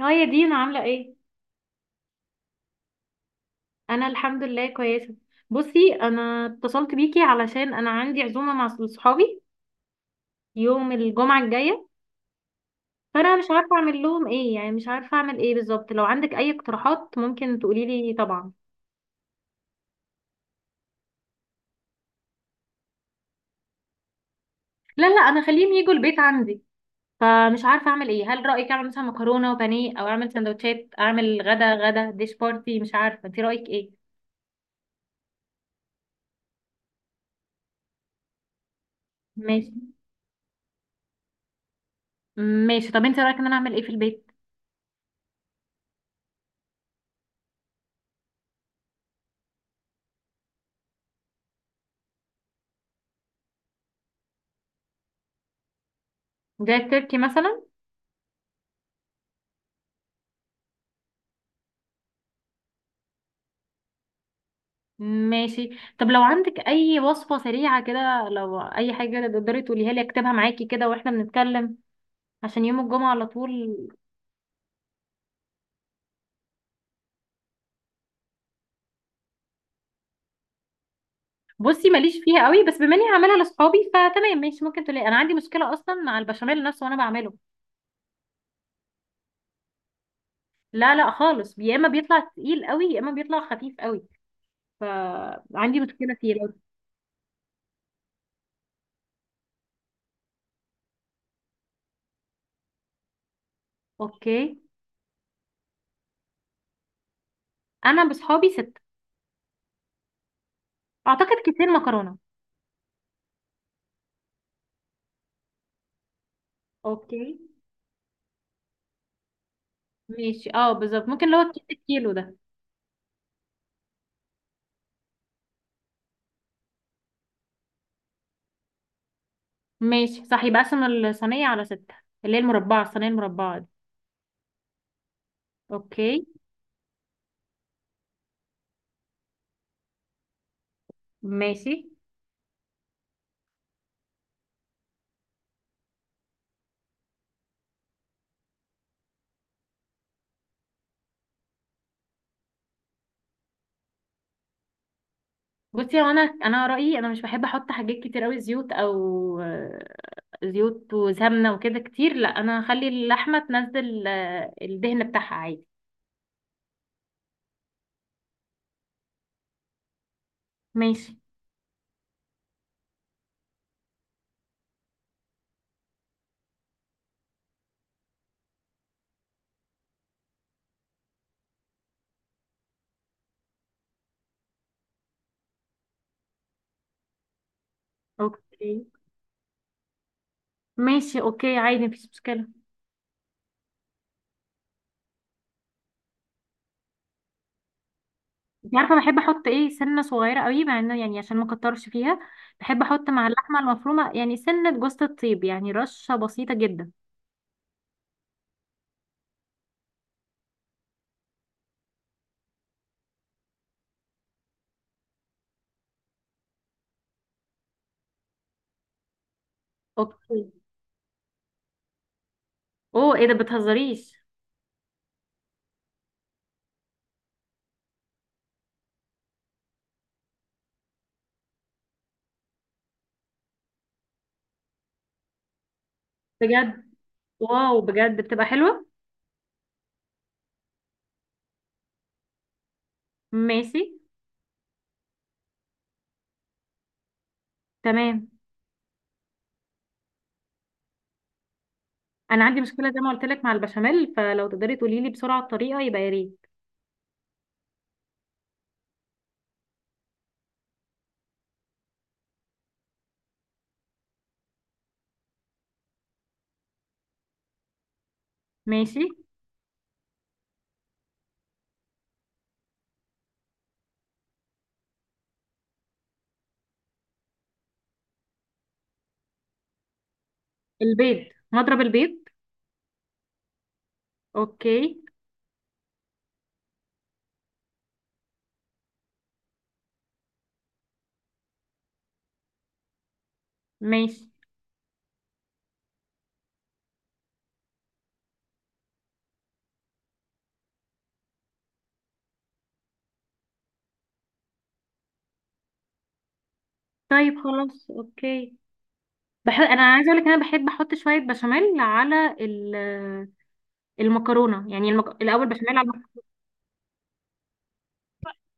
اه يا دينا، عاملة ايه؟ انا الحمد لله كويسة. بصي، انا اتصلت بيكي علشان انا عندي عزومة مع صحابي يوم الجمعة الجاية، فانا مش عارفة اعمل لهم ايه، يعني مش عارفة اعمل ايه بالظبط. لو عندك اي اقتراحات ممكن تقولي لي طبعا. لا لا، انا خليهم يجوا البيت عندي، فمش عارفة اعمل ايه. هل رأيك اعمل مثلا مكرونة وبانيه، او اعمل سندوتشات، اعمل غدا ديش بارتي؟ مش عارفة، انت رأيك ايه؟ ماشي. ماشي، طب انت رأيك ان انا اعمل ايه في البيت؟ جاي تركي مثلا؟ ماشي. طب لو عندك اي وصفة سريعة كده، لو اي حاجة تقدري تقوليها لي اكتبها معاكي كده واحنا بنتكلم، عشان يوم الجمعة على طول. بصي، ماليش فيها قوي، بس بما اني هعملها لاصحابي فتمام، ماشي ممكن تقولي. انا عندي مشكلة اصلا مع البشاميل نفسه وانا بعمله. لا لا خالص، يا اما بيطلع تقيل قوي، يا اما بيطلع خفيف قوي، فعندي مشكلة فيه. لو اوكي. انا بصحابي ستة. اعتقد كيسين مكرونة. اوكي. ماشي، اه بالظبط، ممكن اللي هو الكيس الكيلو ده. ماشي صح، يبقى اقسم الصينية على ستة، اللي هي المربعة، الصينية المربعة دي. اوكي. ماشي. بصي، هو انا رأيي انا مش بحب احط حاجات كتير قوي زيوت او زيوت وسمنة وكده كتير. لا انا هخلي اللحمة تنزل الدهن بتاعها عادي. ماشي. اوكي، ماشي اوكي، عادي مفيش مشكلة. انت عارفة بحب احط ايه؟ سنة صغيرة قوي، مع انه يعني عشان ما اكترش فيها، بحب احط مع اللحمة المفرومة يعني سنة جوزة الطيب، يعني رشة بسيطة جدا. اوكي. اوه، ايه ده، بتهزريش؟ بجد؟ واو، بجد بتبقى حلوة. ماشي. تمام. انا عندي مشكلة زي ما قلت لك مع البشاميل، فلو تقدري تقولي لي بسرعة الطريقة يبقى يا ريت. ماشي. البيض، نضرب البيض. اوكي. ماشي. طيب خلاص، اوكي. انا عايزه اقول لك، انا بحب احط شويه بشاميل على المكرونه، يعني الاول بشاميل على المكرونه.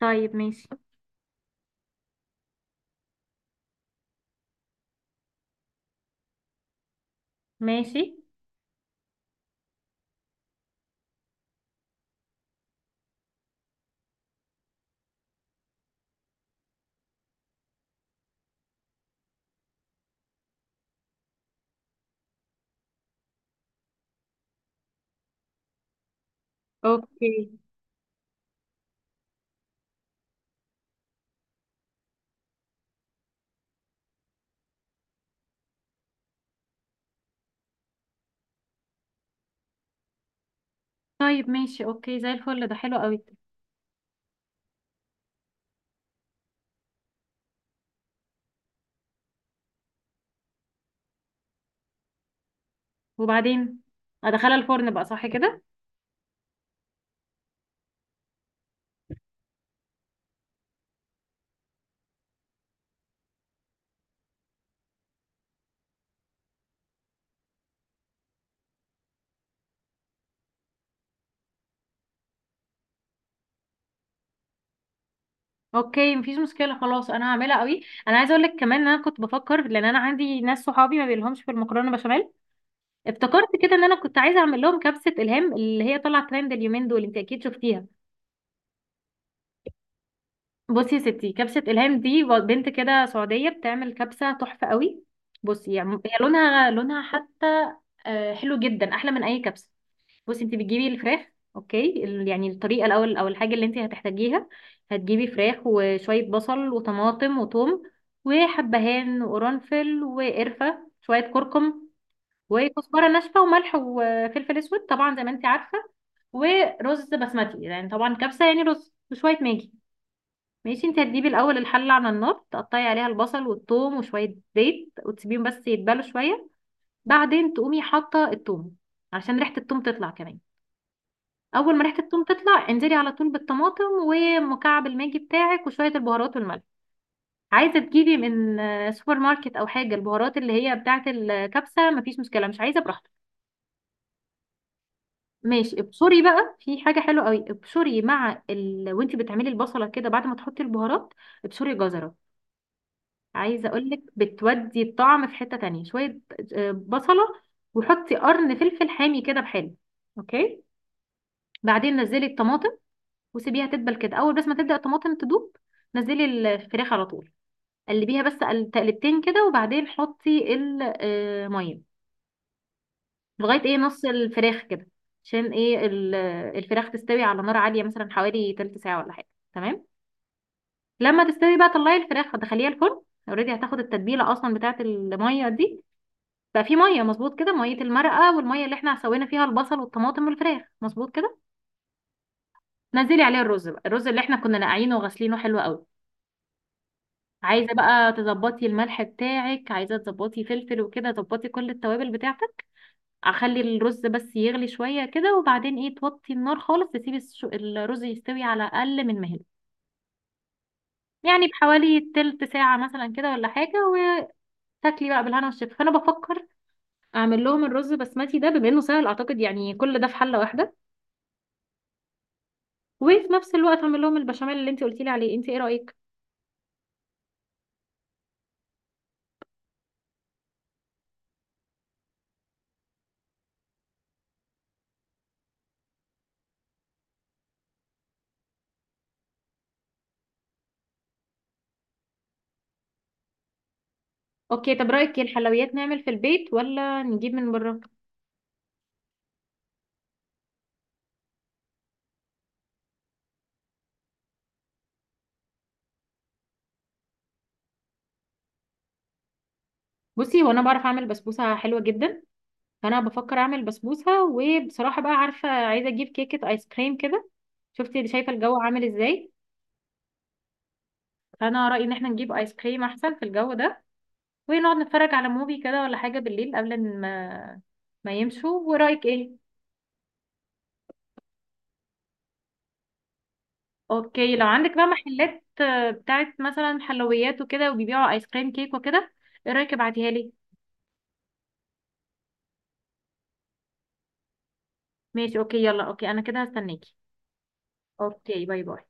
طيب ماشي. ماشي اوكي. طيب ماشي، اوكي زي الفل، ده حلو قوي. وبعدين ادخلها الفرن بقى، صح كده؟ اوكي، مفيش مشكله، خلاص انا هعملها قوي. انا عايزه اقول لك كمان ان انا كنت بفكر، لان انا عندي ناس صحابي ما بيلهمش في المكرونه بشاميل. افتكرت كده ان انا كنت عايزه اعمل لهم كبسه الهام، اللي هي طالعه ترند اليومين دول، انت اكيد شفتيها. بصي يا ستي، كبسة إلهام دي بنت كده سعودية بتعمل كبسة تحفة قوي. بصي يعني هي لونها، لونها حتى حلو جدا، أحلى من أي كبسة. بصي، انت بتجيبي الفراخ، اوكي يعني الطريقه الاول او الحاجه اللي انت هتحتاجيها. هتجيبي فراخ، وشويه بصل وطماطم وثوم وحبهان وقرنفل وقرفه، شويه كركم وكزبره ناشفه، وملح وفلفل اسود طبعا زي ما انت عارفه. ورز بسمتي يعني، طبعا كبسه، يعني رز، وشويه ماجي. ماشي. انت هتجيبي الاول الحله على النار، تقطعي عليها البصل والثوم وشويه زيت، وتسيبيهم بس يتبلوا شويه. بعدين تقومي حاطه الثوم، علشان ريحه الثوم تطلع كمان. اول ما ريحه الثوم تطلع، انزلي على طول بالطماطم ومكعب الماجي بتاعك وشويه البهارات والملح. عايزه تجيبي من سوبر ماركت او حاجه البهارات اللي هي بتاعه الكبسه، مفيش مشكله، مش عايزه براحتك. ماشي. ابشري بقى، في حاجه حلوه قوي. ابشري، مع وانت بتعملي البصله كده بعد ما تحطي البهارات، ابشري جزر. عايزه اقولك بتودي الطعم في حته تانية شويه، بصله، وحطي قرن فلفل حامي كده بحاله. اوكي. بعدين نزلي الطماطم وسيبيها تدبل كده، اول بس ما تبدا الطماطم تدوب نزلي الفراخ على طول. قلبيها بس تقلبتين كده، وبعدين حطي الميه لغايه ايه، نص الفراخ كده، عشان ايه الفراخ تستوي على نار عاليه، مثلا حوالي تلت ساعه ولا حاجه. تمام. لما تستوي بقى طلعي الفراخ ودخليها الفرن، اوريدي هتاخد التتبيله اصلا بتاعت الميه دي. بقى في ميه مظبوط كده، ميه المرقه والميه اللي احنا سوينا فيها البصل والطماطم والفراخ، مظبوط كده. نزلي عليها الرز بقى، الرز اللي احنا كنا نقعينه وغسلينه، حلو قوي. عايزه بقى تظبطي الملح بتاعك، عايزه تظبطي فلفل وكده، تظبطي كل التوابل بتاعتك. اخلي الرز بس يغلي شويه كده، وبعدين ايه توطي النار خالص، تسيبي الرز يستوي على اقل من مهله، يعني بحوالي تلت ساعه مثلا كده ولا حاجه. وتاكلي بقى بالهنا والشفا. فانا بفكر اعمل لهم الرز بسمتي ده، بما انه سهل اعتقد، يعني كل ده في حله واحده، وفي نفس الوقت اعمل لهم البشاميل اللي انت قلتي لي عليه. انت ايه رايك؟ اوكي. طب رايك إيه، الحلويات نعمل في البيت ولا نجيب من بره؟ بصي، هو انا بعرف اعمل بسبوسه حلوه جدا، فانا بفكر اعمل بسبوسه. وبصراحه بقى عارفه، عايزه اجيب كيكه ايس كريم كده. شفتي، شايفه الجو عامل ازاي؟ فانا رايي ان احنا نجيب ايس كريم احسن في الجو ده، ونقعد نتفرج على موفي كده ولا حاجه بالليل قبل ما يمشوا. ورايك ايه؟ اوكي. لو عندك بقى محلات بتاعت مثلا حلويات وكده وبيبيعوا ايس كريم كيك وكده، ايه رايك، ابعتيها لي. ماشي. اوكي، يلا اوكي، انا كده هستناكي. اوكي، باي باي.